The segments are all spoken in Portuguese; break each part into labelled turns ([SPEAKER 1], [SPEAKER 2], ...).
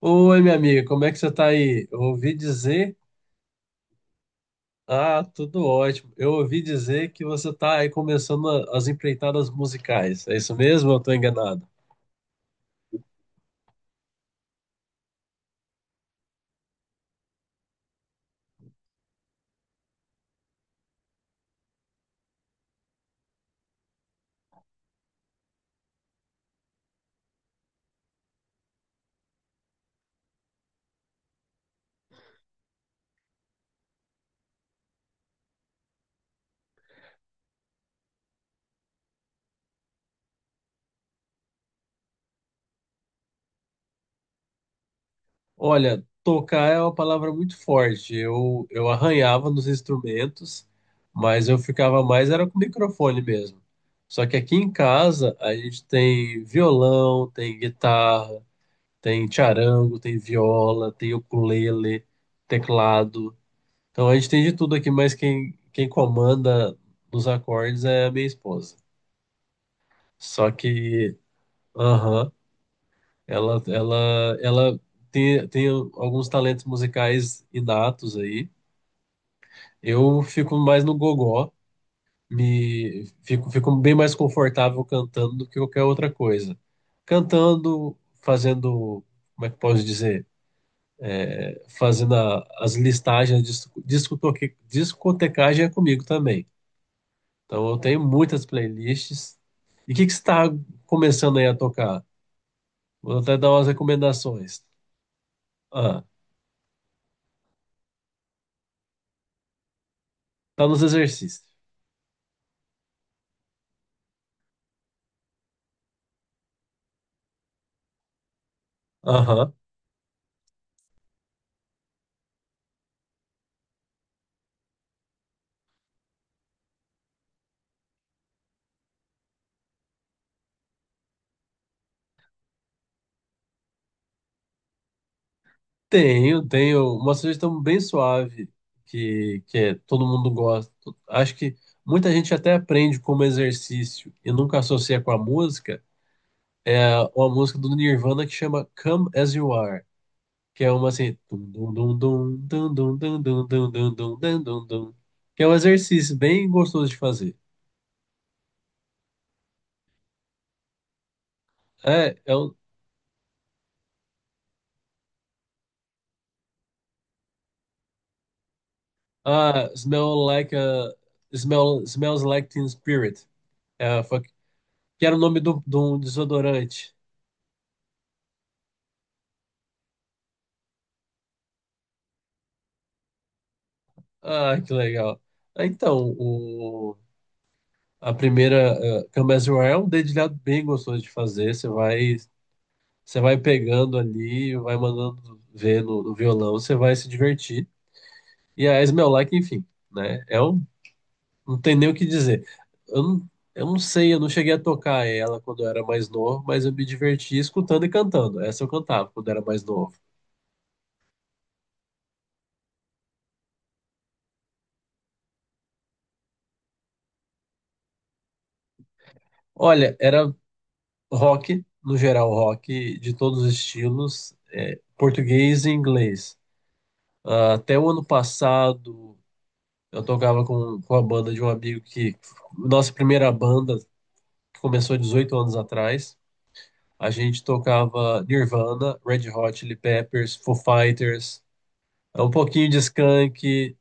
[SPEAKER 1] Oi, minha amiga, como é que você tá aí? Eu ouvi dizer. Ah, tudo ótimo. Eu ouvi dizer que você tá aí começando as empreitadas musicais. É isso mesmo? Ou eu tô enganado. Olha, tocar é uma palavra muito forte. Eu arranhava nos instrumentos, mas eu ficava mais era com o microfone mesmo. Só que aqui em casa a gente tem violão, tem guitarra, tem charango, tem viola, tem ukulele, teclado. Então a gente tem de tudo aqui, mas quem comanda nos acordes é a minha esposa. Só que, aham, ela, ela, ela tem alguns talentos musicais inatos aí. Eu fico mais no gogó, fico bem mais confortável cantando do que qualquer outra coisa. Cantando, fazendo, como é que posso dizer? Fazendo as listagens, discotecagem é comigo também. Então eu tenho muitas playlists. E o que que você está começando aí a tocar? Vou até dar umas recomendações. Ah, tá nos exercícios. Aham. Tenho uma sugestão bem suave que todo mundo gosta. Acho que muita gente até aprende como exercício e nunca associa com a música. É uma música do Nirvana que chama Come As You Are, que é uma assim, dum, dum, dum, dum, dum, dum, dum, dum, dum, dum, dum, dum, dum, dum, que é um exercício bem gostoso de fazer. É, é o. Ah, Smell Like a. Smells Like Teen Spirit. É, foi, que era o nome de um desodorante. Ah, que legal. Ah, então, a primeira Come As You Are é um dedilhado bem gostoso de fazer. Você vai pegando ali, vai mandando ver no violão, você vai se divertir. E a Smell Like, enfim, né? É um. Não tem nem o que dizer. Eu não, eu não sei, eu não cheguei a tocar ela quando eu era mais novo, mas eu me divertia escutando e cantando. Essa eu cantava quando era mais novo. Olha, era rock, no geral, rock de todos os estilos, é, português e inglês. Ah, até o ano passado, eu tocava com a banda de um amigo que. Nossa primeira banda, que começou 18 anos atrás. A gente tocava Nirvana, Red Hot Chili Peppers, Foo Fighters, um pouquinho de Skank.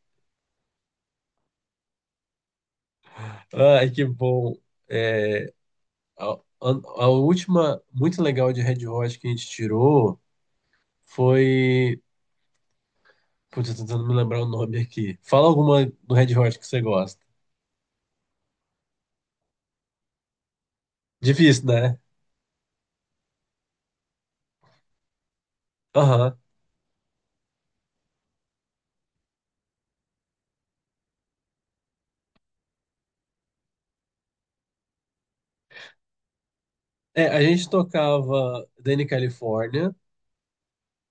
[SPEAKER 1] Ai, que bom. É, a a- última muito legal de Red Hot que a gente tirou foi. Putz, eu tô tentando me lembrar o nome aqui. Fala alguma do Red Hot que você gosta. Difícil, né? Aham. É, a gente tocava Danny California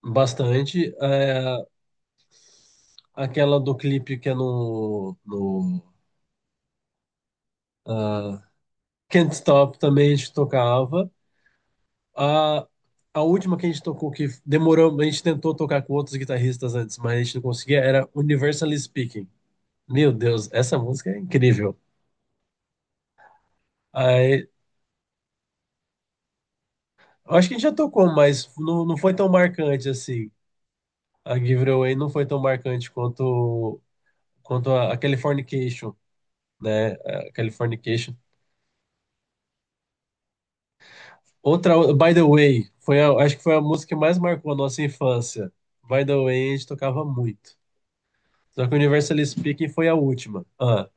[SPEAKER 1] bastante. É, aquela do clipe que é no. Ah, Can't Stop também a gente tocava. A, a última que a gente tocou, que demorou, a gente tentou tocar com outros guitarristas antes, mas a gente não conseguia, era Universally Speaking. Meu Deus, essa música é incrível. Aí, eu acho que a gente já tocou, mas não foi tão marcante assim. A Give It Away não foi tão marcante quanto a Californication, né? A Californication. Outra, By the Way, foi acho que foi a música que mais marcou a nossa infância. By the Way, a gente tocava muito. Só que Universally Speaking foi a última. Ah,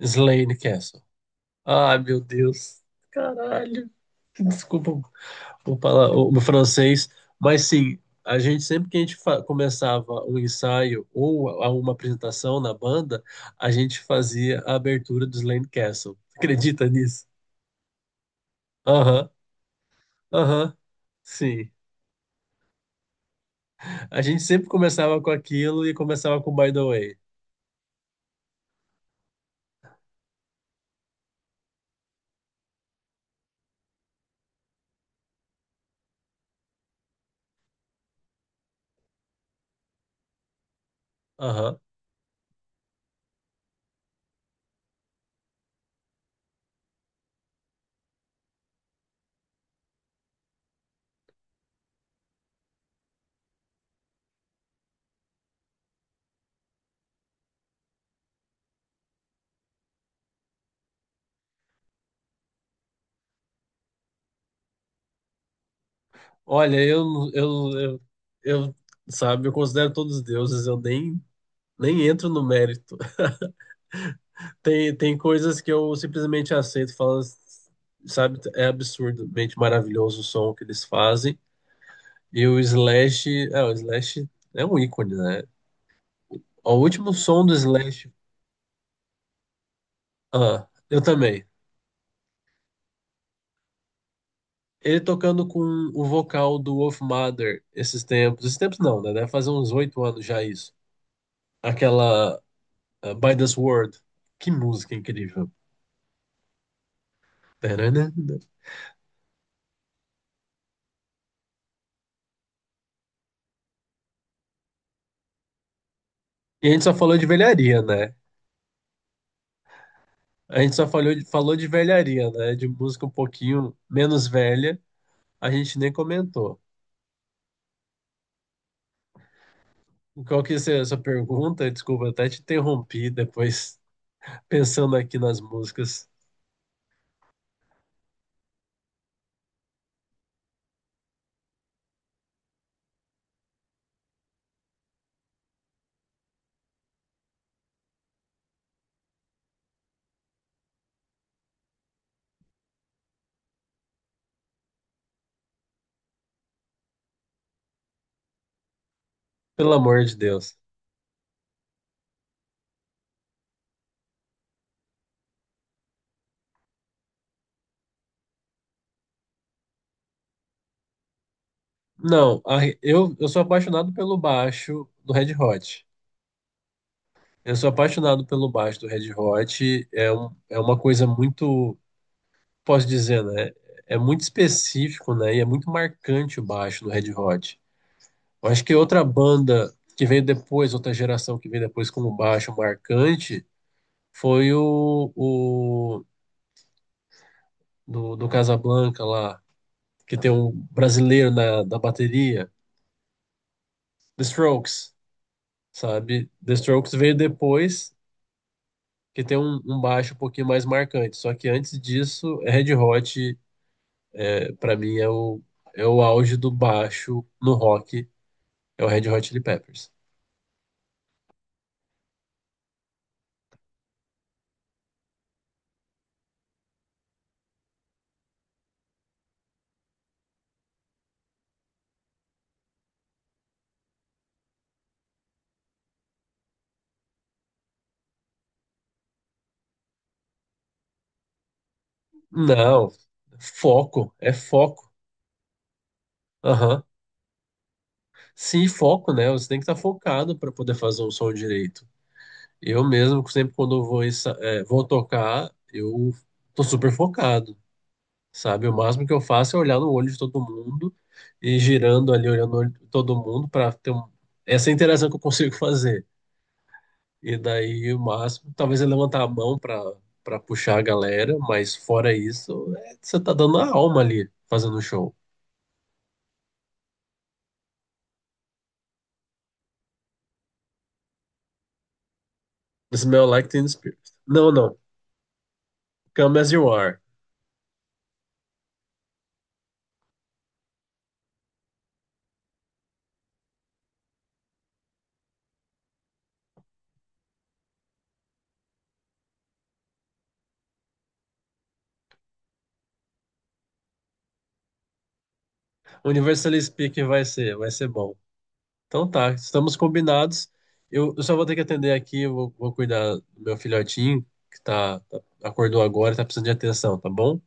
[SPEAKER 1] Slane Castle. Ai, meu Deus. Caralho. Desculpa o meu francês, mas sim, a gente sempre que a gente começava um ensaio ou uma apresentação na banda, a gente fazia a abertura do Slane Castle. Acredita nisso? Aham, aham. Sim. A gente sempre começava com aquilo e começava com By the Way. Aham. Olha, eu, eu, eu, sabe, eu considero todos deuses, eu nem, nem entro no mérito. Tem coisas que eu simplesmente aceito, falando, sabe, é absurdamente maravilhoso o som que eles fazem. E o Slash é um ícone, né? O último som do Slash. Ah, eu também. Ele tocando com o vocal do Wolf Mother esses tempos não, né? Deve fazer uns oito anos já isso. Aquela ah, By the Sword, que música incrível. Tarana. E a gente só falou de velharia, né? A gente só falou de velharia, né? De música um pouquinho menos velha, a gente nem comentou. Qual que é essa sua pergunta? Desculpa, eu até te interrompi depois, pensando aqui nas músicas. Pelo amor de Deus. Não, eu sou apaixonado pelo baixo do Red Hot. Eu sou apaixonado pelo baixo do Red Hot. É, um, é uma coisa muito, posso dizer, né? É muito específico, né? E é muito marcante o baixo do Red Hot. Eu acho que outra banda que veio depois, outra geração que veio depois como baixo marcante, foi do Casablanca lá, que tem um brasileiro na bateria, The Strokes, sabe? The Strokes veio depois, que tem um baixo um pouquinho mais marcante. Só que antes disso, Red Hot, é, para mim, é o auge do baixo no rock, é o Red Hot Chili Peppers. Não, foco, é foco. Aham. Sim, foco, né? Você tem que estar focado para poder fazer um som direito. Eu mesmo, sempre quando eu vou, vou tocar, eu tô super focado, sabe? O máximo que eu faço é olhar no olho de todo mundo e girando ali, olhando no olho de todo mundo para ter essa interação que eu consigo fazer. E daí o máximo, talvez é levantar a mão para puxar a galera, mas fora isso, é, você tá dando a alma ali fazendo o show. Smell Like Teen Spirit. Não, não. Come As You Are. Universal Speaking vai ser bom. Então tá, estamos combinados. Eu só vou ter que atender aqui, vou cuidar do meu filhotinho, que tá, acordou agora e tá precisando de atenção, tá bom?